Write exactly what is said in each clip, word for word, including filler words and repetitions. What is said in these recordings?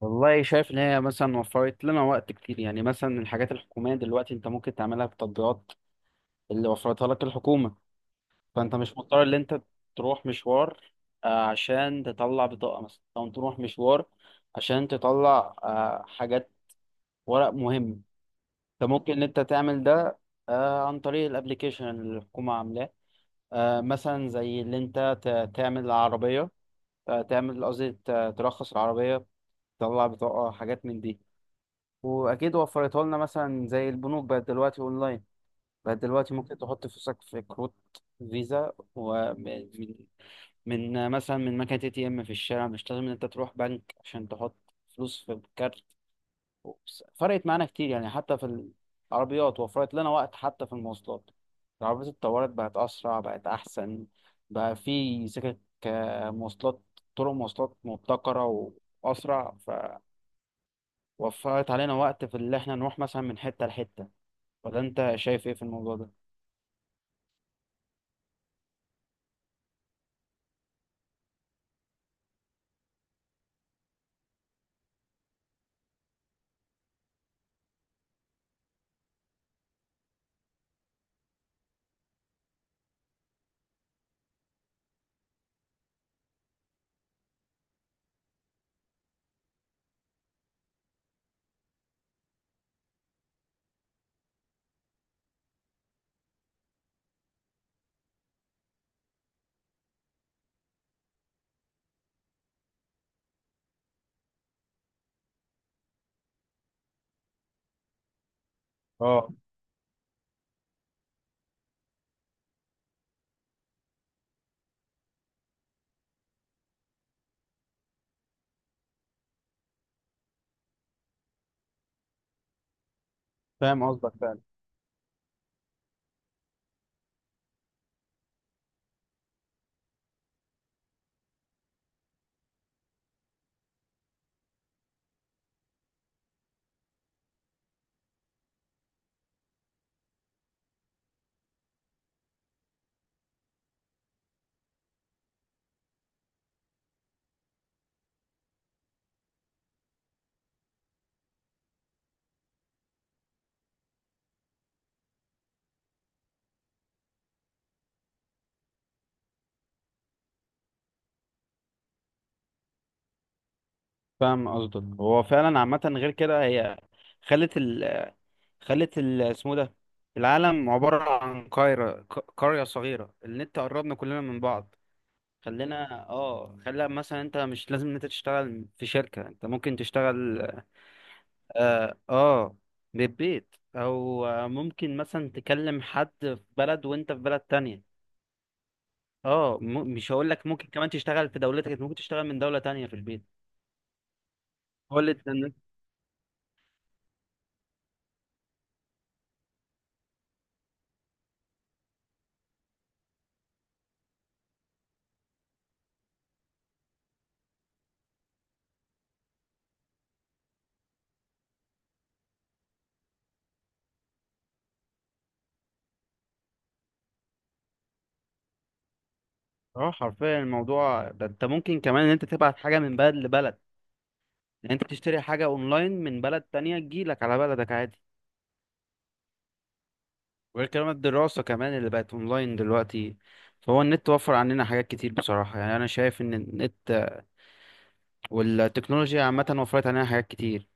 والله شايف ان هي مثلا وفرت لنا وقت كتير، يعني مثلا الحاجات الحكوميه دلوقتي انت ممكن تعملها بتطبيقات اللي وفرتها لك الحكومه. فانت مش مضطر ان انت تروح مشوار آه، عشان تطلع بطاقه مثلا، او تروح مشوار عشان تطلع آه، حاجات ورق مهم. انت ممكن ان انت تعمل ده آه، عن طريق الابليكيشن اللي الحكومه عاملاه، آه، مثلا زي اللي انت ت- تعمل العربيه، آه، تعمل قصدي ت- ترخص العربيه، تطلع بطاقه، حاجات من دي. واكيد وفرتها لنا، مثلا زي البنوك بقت دلوقتي اونلاين، بقت دلوقتي ممكن تحط فلوسك في كروت فيزا، ومن من من مثلا من مكنه اي تي ام في الشارع، مش لازم ان انت تروح بنك عشان تحط فلوس في كارت. وبس- فرقت معانا كتير، يعني حتى في العربيات وفرت لنا وقت، حتى في المواصلات. العربيات اتطورت، بقت اسرع بقت احسن، بقى في سكك، آه، مواصلات، طرق مواصلات مبتكره واسرع، وفرت علينا وقت في اللي احنا نروح مثلا من حتة لحتة. ولا انت شايف ايه في الموضوع ده؟ اه، فاهم قصدك فعلا. فاهم قصدك، هو فعلا عامة، غير كده هي خلت ال خلت ال اسمه ده، العالم عبارة عن قاهرة ق- قرية صغيرة، النت قربنا كلنا من بعض. خلينا اه خلى مثلا، انت مش لازم ان انت تشتغل في شركة، انت ممكن تشتغل. اه، آه من البيت، او آه، ممكن مثلا تكلم حد في بلد وانت في بلد تانية. اه، م- مش هقول لك ممكن كمان تشتغل في دولتك، انت ممكن تشتغل من دولة تانية في البيت. هو اللي انت إن- اه، حرفيا الموضوع ده، انت ممكن كمان ان انت تبعت حاجة من بلد لبلد. يعني انت تشتري حاجة اونلاين من بلد تانية تجيلك على بلدك عادي. وغير كمان الدراسة كمان اللي بقت اونلاين دلوقتي. فهو النت وفر عننا حاجات كتير بصراحة، يعني انا شايف ان النت والتكنولوجيا عامة وفرت علينا حاجات كتير.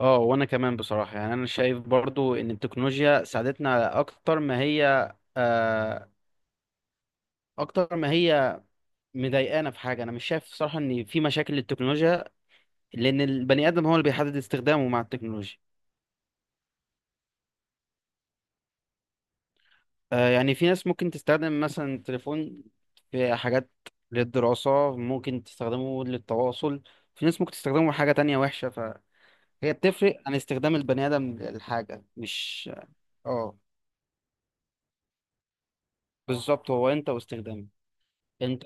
اه، وانا كمان بصراحة، يعني انا شايف برضو ان التكنولوجيا ساعدتنا اكتر ما هي آه، اكتر ما هي مضايقانا في حاجه. انا مش شايف صراحه ان في مشاكل للتكنولوجيا، لان البني ادم هو اللي بيحدد استخدامه مع التكنولوجيا. آه يعني في ناس ممكن تستخدم مثلا التليفون في حاجات للدراسه، ممكن تستخدمه للتواصل. في ناس ممكن تستخدمه في حاجه تانية وحشه، فهي بتفرق عن استخدام البني ادم للحاجه، مش... اه، بالظبط، هو انت واستخدامه. انت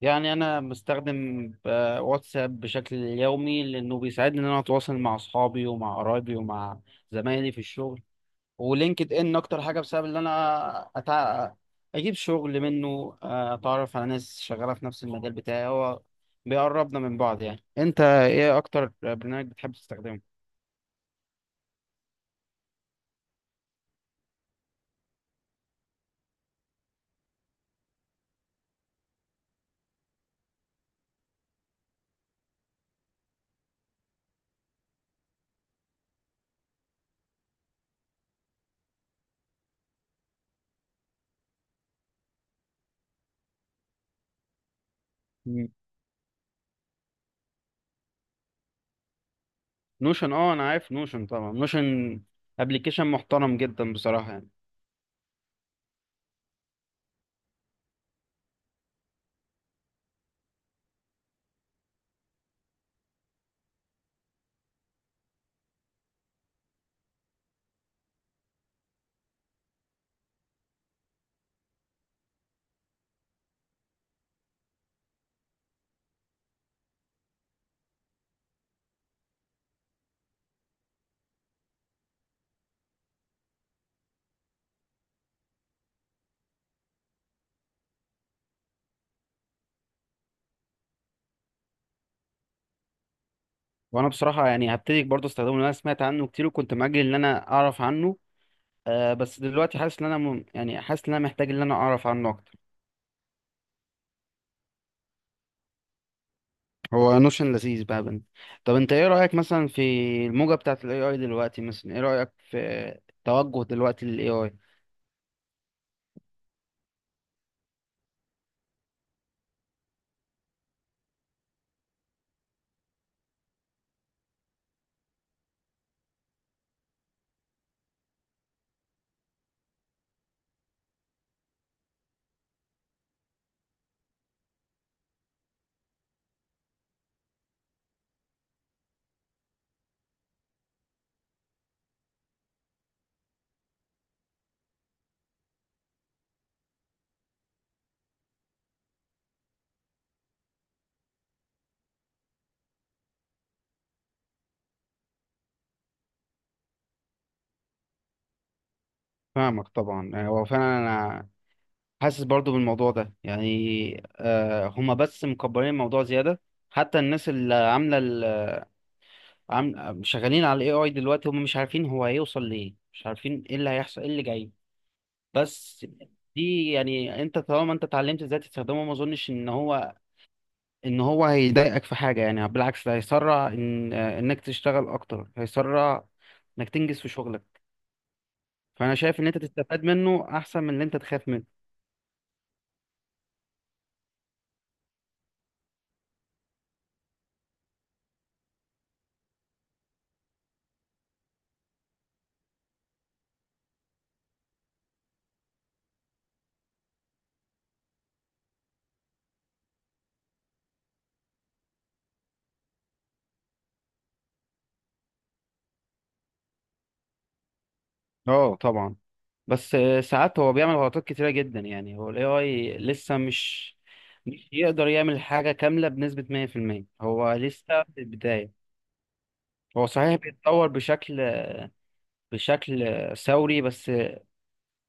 يعني انا بستخدم آه، واتساب بشكل يومي، لانه بيساعدني ان انا اتواصل مع اصحابي ومع قرايبي ومع زمايلي في الشغل. ولينكد ان اكتر حاجه، بسبب ان انا أتع... اجيب شغل منه، آه، اتعرف على ناس شغاله في نفس المجال بتاعي، هو بيقربنا من بعض. يعني انت ايه اكتر برنامج بتحب تستخدمه؟ مم. نوشن، اه، انا عارف نوشن طبعا، نوشن ابلكيشن محترم جدا بصراحه، يعني... وانا بصراحه يعني هبتدي برضه استخدمه، لأن انا سمعت عنه كتير، وكنت مأجل ان انا اعرف عنه. آه بس دلوقتي حاسس ان انا م... يعني حاسس ان انا محتاج ان انا اعرف عنه اكتر. هو نوشن لذيذ بقى بنت. طب انت ايه رأيك مثلا في الموجة بتاعة الاي اي دلوقتي؟ مثلا ايه رأيك في توجه دلوقتي للاي اي؟ فاهمك طبعا، يعني هو فعلا، انا حاسس برضو بالموضوع ده، يعني آه هما بس مكبرين الموضوع زيادة. حتى الناس اللي عاملة ال... عم... شغالين على الاي اي دلوقتي هم مش عارفين هو هيوصل لإيه، مش عارفين ايه اللي هيحصل ايه اللي جاي. بس دي يعني، انت طالما انت اتعلمت ازاي تستخدمه، ما اظنش ان هو ان هو هيضايقك في حاجه، يعني بالعكس، ده هيسرع ان انك تشتغل اكتر، هيسرع انك تنجز في شغلك. فانا شايف ان انت تستفاد منه احسن من ان انت تخاف منه. اه طبعا. بس آه، ساعات هو بيعمل غلطات كتيره جدا، يعني هو الاي اي لسه مش مش يقدر يعمل حاجه كامله بنسبه مية في المية، هو لسه في البدايه. هو صحيح بيتطور بشكل بشكل ثوري، بس...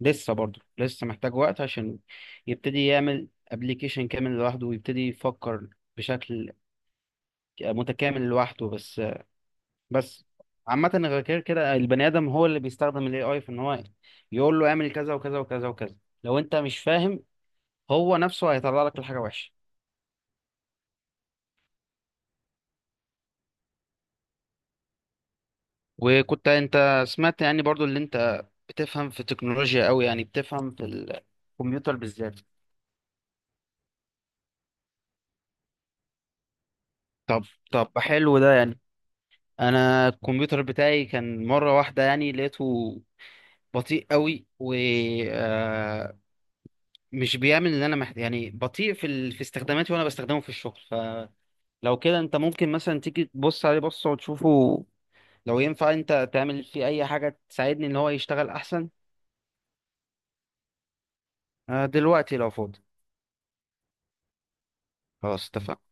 لسه برضه لسه محتاج وقت عشان يبتدي يعمل ابلكيشن كامل لوحده، ويبتدي يفكر بشكل متكامل لوحده، بس... بس عامة، غير كده كده البني آدم هو اللي بيستخدم ال ايه آي في إن هو يقول له اعمل كذا وكذا وكذا وكذا. لو أنت مش فاهم، هو نفسه هيطلع لك الحاجة وحشة. وكنت أنت سمعت يعني برضو اللي أنت بتفهم في التكنولوجيا أوي، يعني بتفهم في الكمبيوتر بالذات؟ طب طب حلو ده يعني. أنا الكمبيوتر بتاعي كان مرة واحدة يعني لقيته بطيء قوي، ومش بيعمل اللي انا محتاج، يعني بطيء في ال... في استخداماتي، وانا بستخدمه في الشغل، فلو كده انت ممكن مثلا تيجي تبص عليه بصه وتشوفه لو ينفع انت تعمل فيه اي حاجة تساعدني ان هو يشتغل احسن. آه، دلوقتي لو فاضي. خلاص، اتفقنا.